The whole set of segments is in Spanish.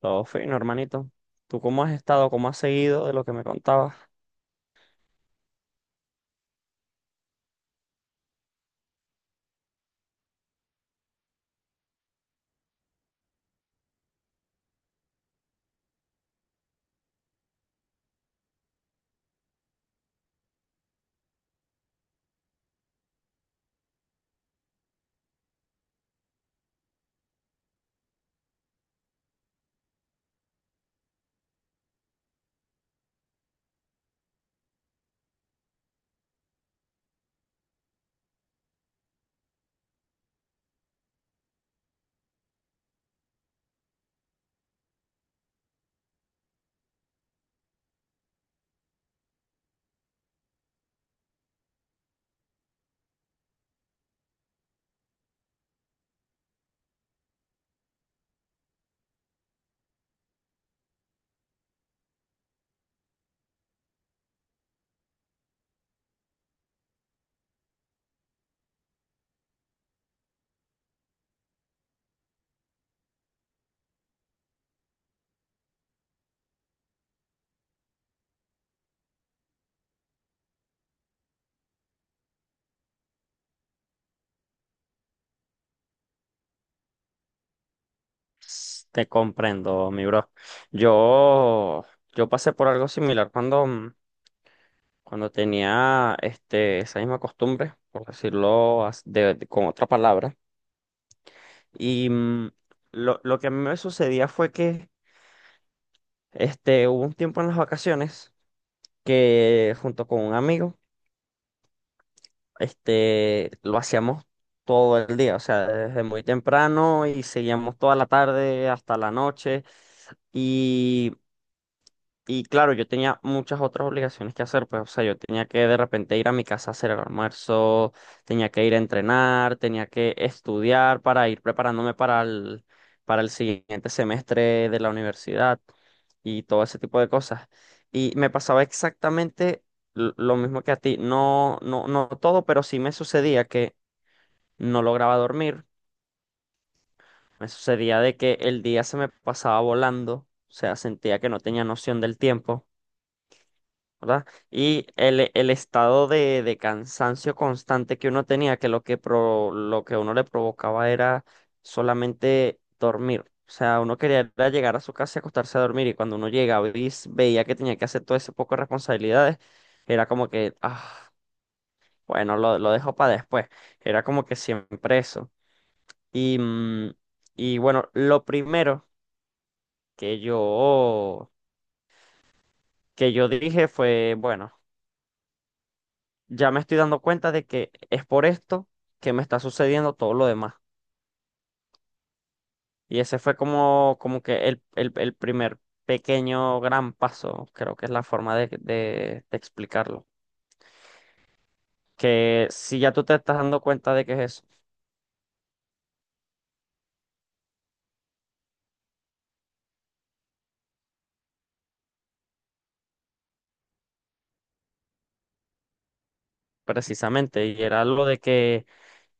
Todo fino, hermanito. ¿Tú cómo has estado? ¿Cómo has seguido de lo que me contabas? Te comprendo, mi bro. Yo, yo pasé por algo similar cuando tenía esa misma costumbre, por decirlo con otra palabra. Y lo que a mí me sucedía fue que hubo un tiempo en las vacaciones que junto con un amigo lo hacíamos todo el día, o sea, desde muy temprano y seguíamos toda la tarde hasta la noche. Y y claro, yo tenía muchas otras obligaciones que hacer, pues, o sea, yo tenía que de repente ir a mi casa a hacer el almuerzo, tenía que ir a entrenar, tenía que estudiar para ir preparándome para el, siguiente semestre de la universidad y todo ese tipo de cosas. Y me pasaba exactamente lo mismo que a ti, no, no, no todo, pero sí me sucedía que no lograba dormir, me sucedía de que el día se me pasaba volando, o sea, sentía que no tenía noción del tiempo. ¿Verdad? Y el estado de cansancio constante que uno tenía, que lo que uno le provocaba era solamente dormir. O sea, uno quería era llegar a su casa y acostarse a dormir, y cuando uno llegaba y veía que tenía que hacer todo ese poco de responsabilidades, era como que, ah, bueno, lo dejo para después. Era como que siempre eso. Y, mm, y bueno, lo primero que yo, que yo dije fue, bueno, ya me estoy dando cuenta de que es por esto que me está sucediendo todo lo demás. Y ese fue como que el primer pequeño gran paso, creo que es la forma de explicarlo. Que si ya tú te estás dando cuenta de que es eso, precisamente, y era lo de que,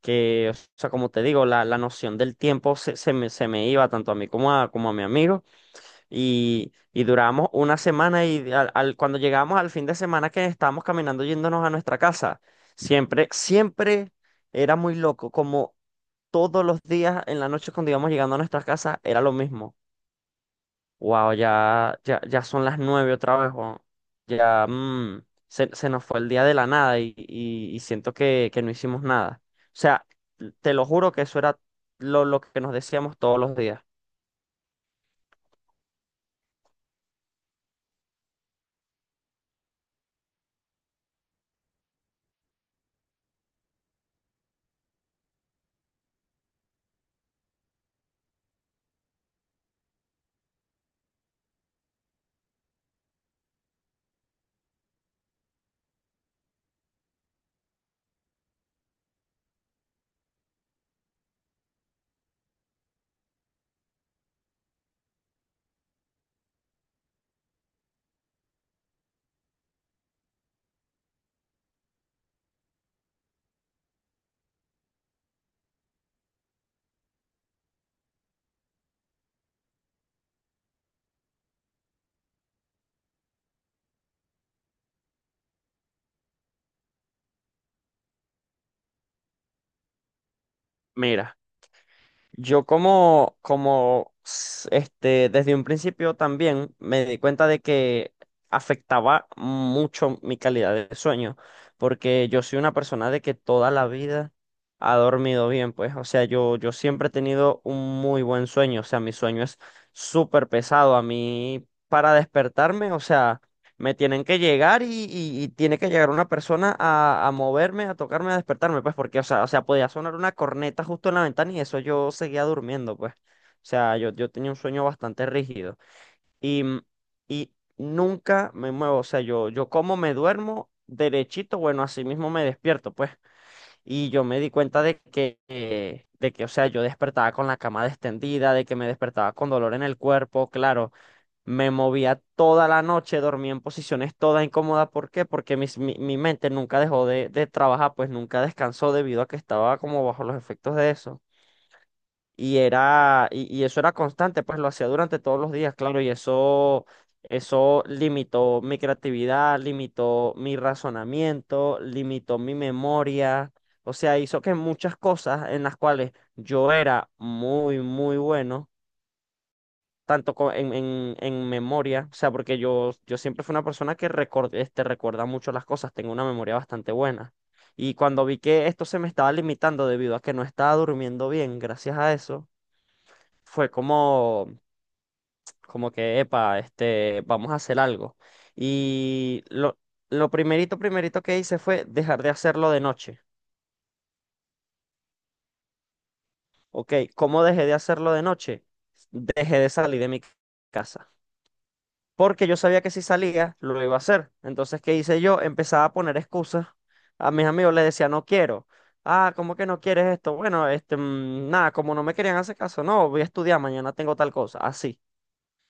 que o sea, como te digo, la noción del tiempo se me iba tanto a mí como a, mi amigo, y duramos una semana y cuando llegamos al fin de semana que estábamos caminando yéndonos a nuestra casa, siempre, siempre era muy loco, como todos los días en la noche cuando íbamos llegando a nuestras casas era lo mismo. Wow, ya, ya, ya son las nueve otra vez, weón. Ya se nos fue el día de la nada y siento que no hicimos nada. O sea, te lo juro que eso era lo que nos decíamos todos los días. Mira. Yo como desde un principio también me di cuenta de que afectaba mucho mi calidad de sueño, porque yo soy una persona de que toda la vida ha dormido bien, pues, o sea, yo siempre he tenido un muy buen sueño, o sea, mi sueño es súper pesado, a mí para despertarme, o sea. Me tienen que llegar y tiene que llegar una persona a, moverme, a tocarme, a despertarme, pues, porque, o sea, podía sonar una corneta justo en la ventana y eso yo seguía durmiendo, pues. O sea, yo tenía un sueño bastante rígido. Y, mm, y nunca me muevo, o sea, yo como me duermo derechito, bueno, así mismo me despierto, pues. Y yo me di cuenta de que, o sea, yo despertaba con la cama destendida, de que me despertaba con dolor en el cuerpo, claro. Me movía toda la noche, dormía en posiciones todas incómodas. ¿Por qué? Porque mi mente nunca dejó de trabajar, pues nunca descansó debido a que estaba como bajo los efectos de eso. Y eso era constante, pues lo hacía durante todos los días, claro, y eso limitó mi creatividad, limitó mi razonamiento, limitó mi memoria. O sea, hizo que muchas cosas en las cuales yo era muy, muy bueno tanto en memoria, o sea, porque yo siempre fui una persona que recuerda mucho las cosas, tengo una memoria bastante buena. Y cuando vi que esto se me estaba limitando debido a que no estaba durmiendo bien, gracias a eso, fue como que, epa, vamos a hacer algo. Y lo primerito, primerito que hice fue dejar de hacerlo de noche. Ok, ¿cómo dejé de hacerlo de noche? Dejé de salir de mi casa. Porque yo sabía que si salía, lo iba a hacer. Entonces, ¿qué hice yo? Empezaba a poner excusas. A mis amigos les decía, no quiero. Ah, ¿cómo que no quieres esto? Bueno, nada, como no me querían hacer caso, no, voy a estudiar, mañana tengo tal cosa. Así,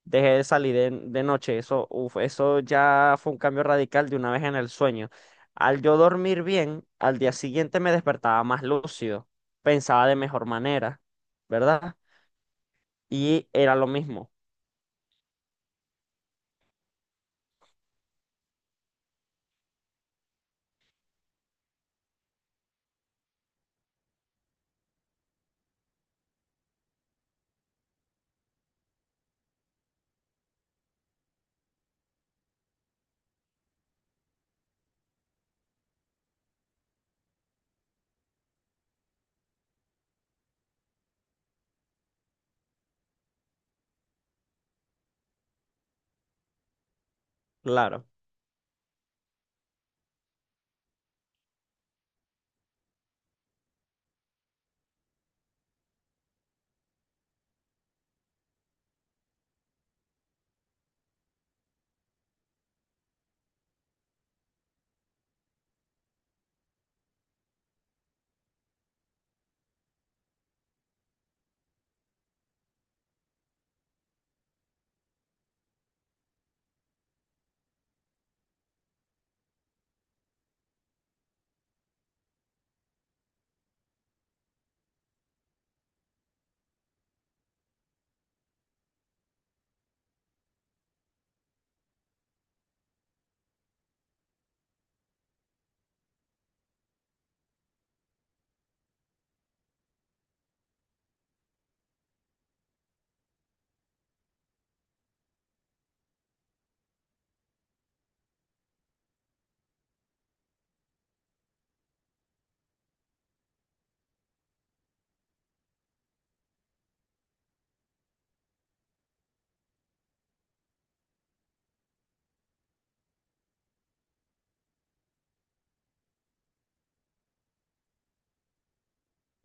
dejé de salir de noche. Eso, uf, eso ya fue un cambio radical de una vez en el sueño. Al yo dormir bien, al día siguiente me despertaba más lúcido, pensaba de mejor manera, ¿verdad? Y era lo mismo, claro,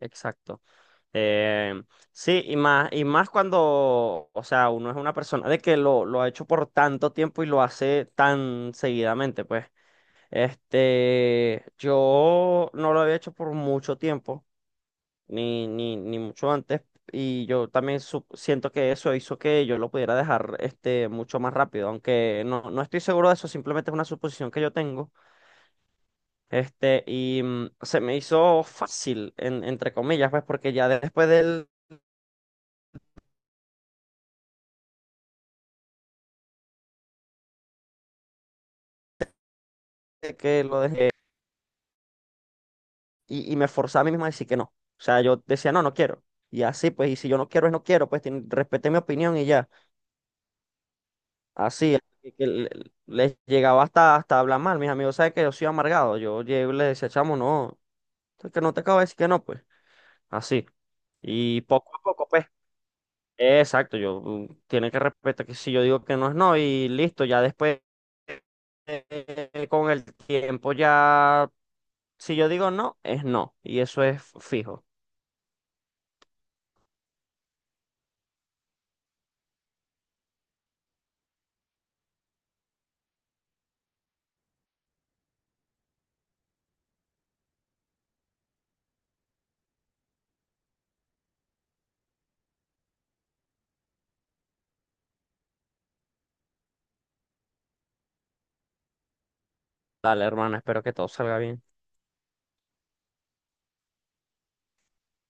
exacto. Eh, sí, y más cuando, o sea, uno es una persona de que lo ha hecho por tanto tiempo y lo hace tan seguidamente, pues. Yo no lo había hecho por mucho tiempo, ni mucho antes, y yo también siento que eso hizo que yo lo pudiera dejar, mucho más rápido, aunque no estoy seguro de eso, simplemente es una suposición que yo tengo. Y se me hizo fácil, entre comillas, pues, porque ya después del de que lo dejé y me forzaba a mí mismo a decir que no. O sea, yo decía, no, no quiero. Y así, pues, y si yo no quiero, es no quiero, pues respeté mi opinión y ya. Así, les llegaba hasta hablar mal. Mis amigos saben que yo soy amargado. Yo llegué y les decía, chamo, no, es que no te acabo de decir que no, pues. Así. Y poco a poco, pues. Exacto, yo tiene que respetar que si yo digo que no es no y listo, ya después con el tiempo ya si yo digo no, es no y eso es fijo. Dale, hermano, espero que todo salga bien.